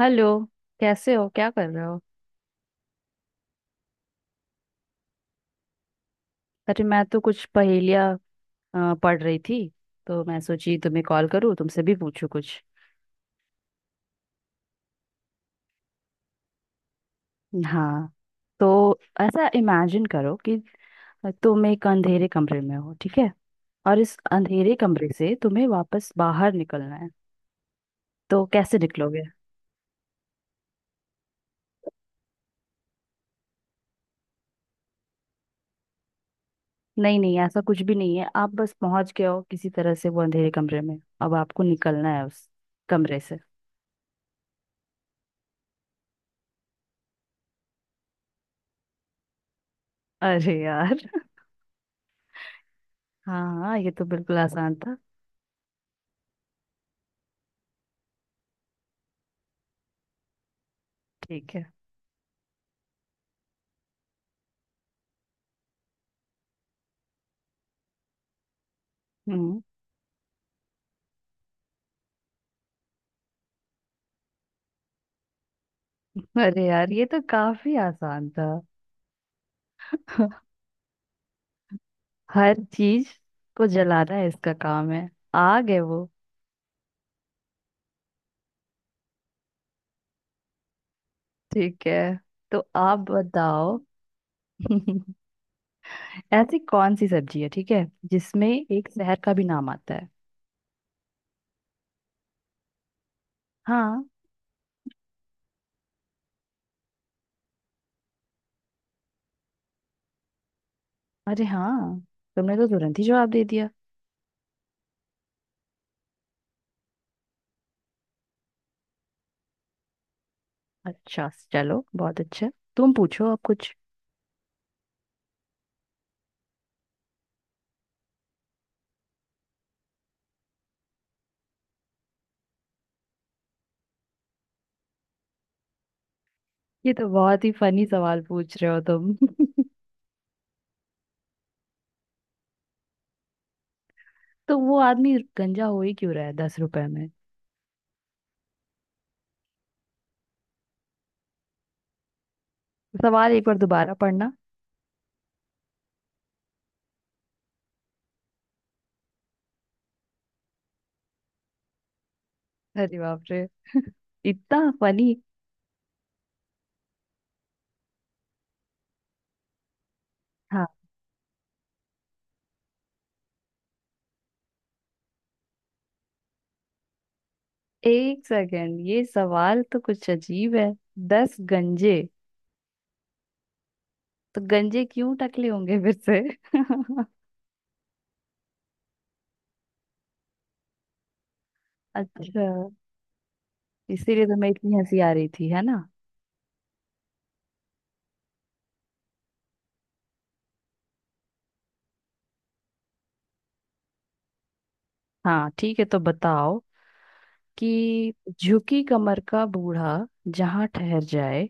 Hello. कैसे हो? क्या कर रहे हो? अरे मैं तो कुछ पहेलियाँ पढ़ रही थी। तो मैं सोची तुम्हें कॉल करूँ, तुमसे भी पूछूं कुछ। हाँ। तो ऐसा इमेजिन करो कि तुम एक अंधेरे कमरे में हो, ठीक है। और इस अंधेरे कमरे से तुम्हें वापस बाहर निकलना है, तो कैसे निकलोगे? नहीं नहीं, ऐसा कुछ भी नहीं है। आप बस पहुंच गए हो किसी तरह से वो अंधेरे कमरे में। अब आपको निकलना है उस कमरे से। अरे यार हाँ हाँ, ये तो बिल्कुल आसान था। ठीक है। हम्म। अरे यार, ये तो काफी आसान था। हर चीज को जलाना है, इसका काम है। आग है वो। ठीक है, तो आप बताओ। ऐसी कौन सी सब्जी है, ठीक है, जिसमें एक शहर का भी नाम आता है? हाँ। अरे हाँ, तुमने तो तुरंत ही जवाब दे दिया। अच्छा, चलो बहुत अच्छा। तुम पूछो अब कुछ। ये तो बहुत ही फनी सवाल पूछ रहे हो तुम। तो वो आदमी गंजा हो ही क्यों रहा है 10 रुपए में? सवाल एक बार दोबारा पढ़ना। अरे बाप रे, इतना फनी। हाँ। एक सेकेंड, ये सवाल तो कुछ अजीब है। दस गंजे। तो गंजे क्यों टकले होंगे फिर से? अच्छा। इसीलिए तो मैं इतनी हंसी आ रही थी, है ना। हाँ ठीक है, तो बताओ कि झुकी कमर का बूढ़ा जहाँ ठहर जाए,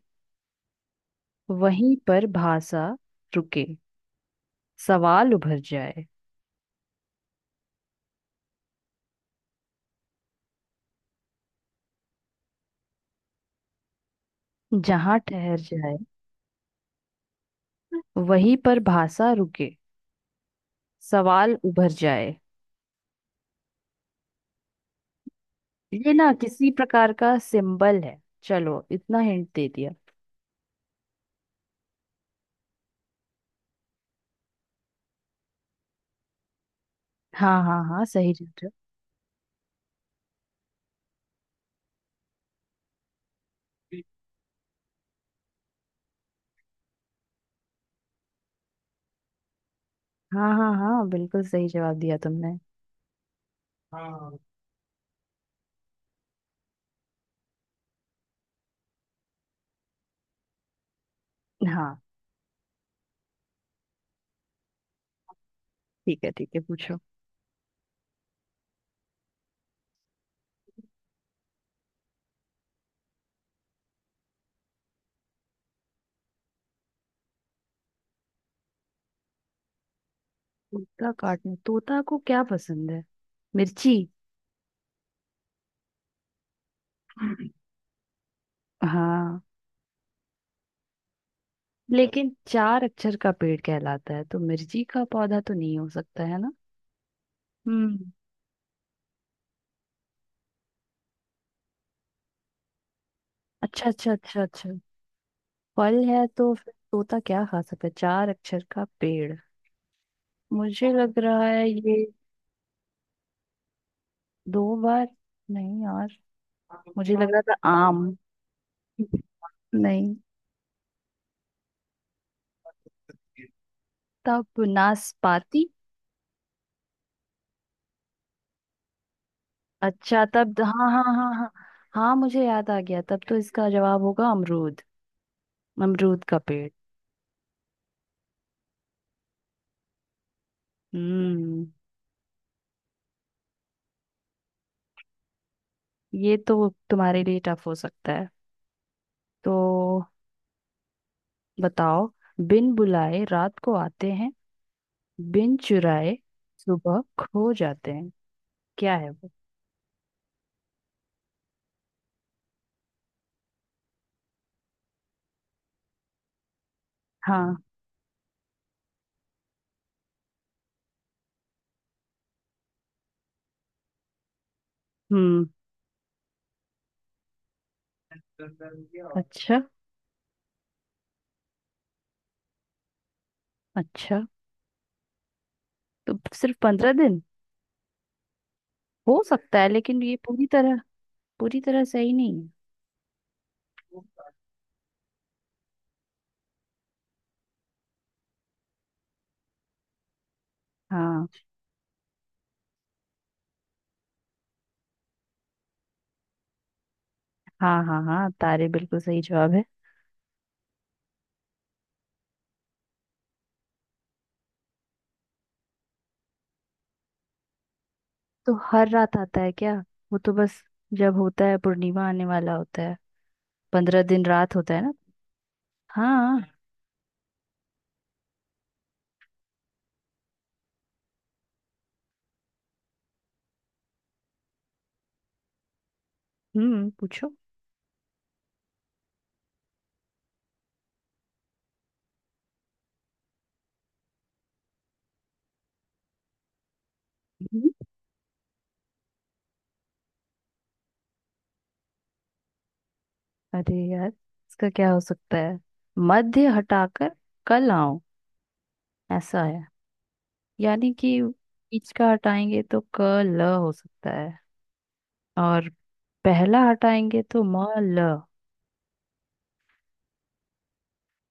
वहीं पर भाषा रुके, सवाल उभर जाए। जहाँ ठहर जाए, वहीं पर भाषा रुके, सवाल उभर जाए। ये ना किसी प्रकार का सिंबल है, चलो इतना हिंट दे दिया। हाँ हाँ हाँ, सही जवाब। हाँ हाँ हाँ, बिल्कुल सही जवाब दिया तुमने। हाँ। हाँ ठीक है। ठीक है, पूछो। तोता काटने, तोता को क्या पसंद है? मिर्ची। हाँ। लेकिन चार अक्षर का पेड़ कहलाता है, तो मिर्ची का पौधा तो नहीं हो सकता है ना। हम्म। अच्छा अच्छा अच्छा अच्छा। फल है, तो फिर तोता क्या खा सकता है? चार अक्षर का पेड़। मुझे लग रहा है ये। दो बार। नहीं यार। मुझे लग रहा था आम। नहीं, तब नाशपाती। अच्छा तब, हाँ हाँ हाँ हाँ। हाँ, मुझे याद आ गया, तब तो इसका जवाब होगा अमरूद। अमरूद का पेड़। हम्म। ये तो तुम्हारे लिए टफ हो सकता है, तो बताओ। बिन बुलाए रात को आते हैं, बिन चुराए सुबह खो जाते हैं। क्या है वो? हाँ। हम्म। अच्छा। अच्छा। तो सिर्फ 15 दिन। हो सकता है, लेकिन ये पूरी तरह सही नहीं है। हाँ हाँ हाँ हाँ, तारे बिल्कुल सही जवाब है। तो हर रात आता है क्या? वो तो बस जब होता है पूर्णिमा आने वाला होता है, 15 दिन रात होता है ना। हाँ। हम्म, पूछो। हम्म। अरे यार, इसका क्या हो सकता है? मध्य हटाकर कल आओ। ऐसा है। यानी कि बीच का हटाएंगे तो क ल हो सकता है। और पहला हटाएंगे तो म ल।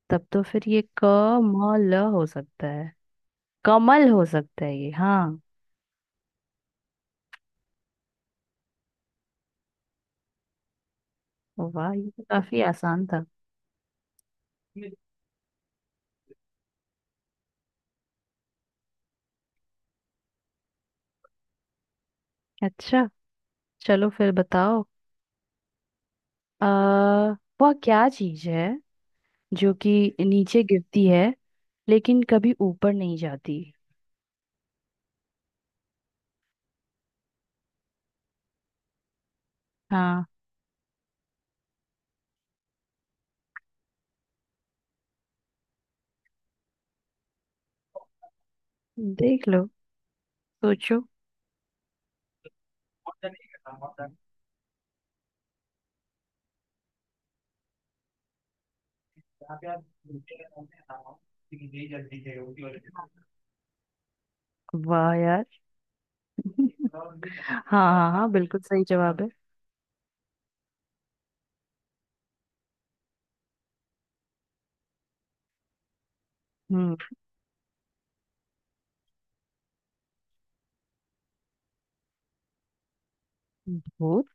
तब तो फिर ये क म ल हो सकता है। कमल हो सकता है ये, हाँ। वाह, ये तो काफी आसान था। अच्छा, चलो फिर बताओ। आ वह क्या चीज है जो कि नीचे गिरती है लेकिन कभी ऊपर नहीं जाती? हाँ। देख लो। सोचो। वाह यार हाँ हाँ हाँ, बिल्कुल सही जवाब है। हम्म। भूत।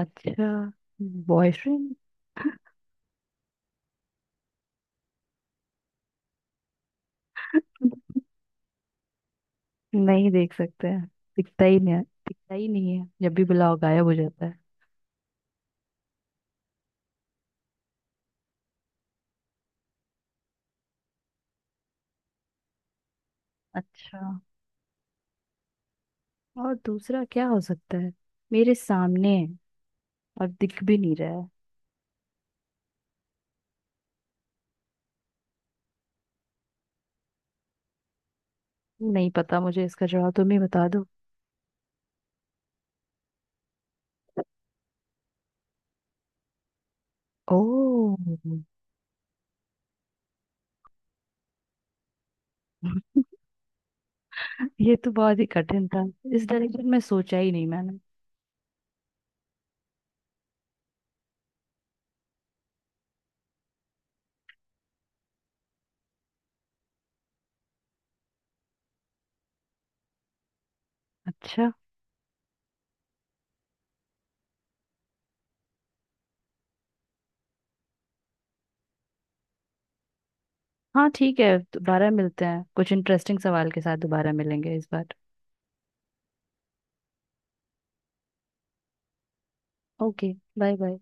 अच्छा। बॉयफ्रेंड। नहीं देख सकते हैं। दिखता ही नहीं है। दिखता ही नहीं है, जब भी बुलाओ गायब हो जाता है। अच्छा। और दूसरा क्या हो सकता है? मेरे सामने है और दिख भी नहीं रहा है। नहीं पता, मुझे इसका जवाब तुम ही बता दो। ओ। ये तो बहुत ही कठिन था। इस डायरेक्शन में सोचा ही नहीं मैंने। अच्छा। हाँ ठीक है, दोबारा मिलते हैं, कुछ इंटरेस्टिंग सवाल के साथ दोबारा मिलेंगे इस बार। ओके। Bye bye.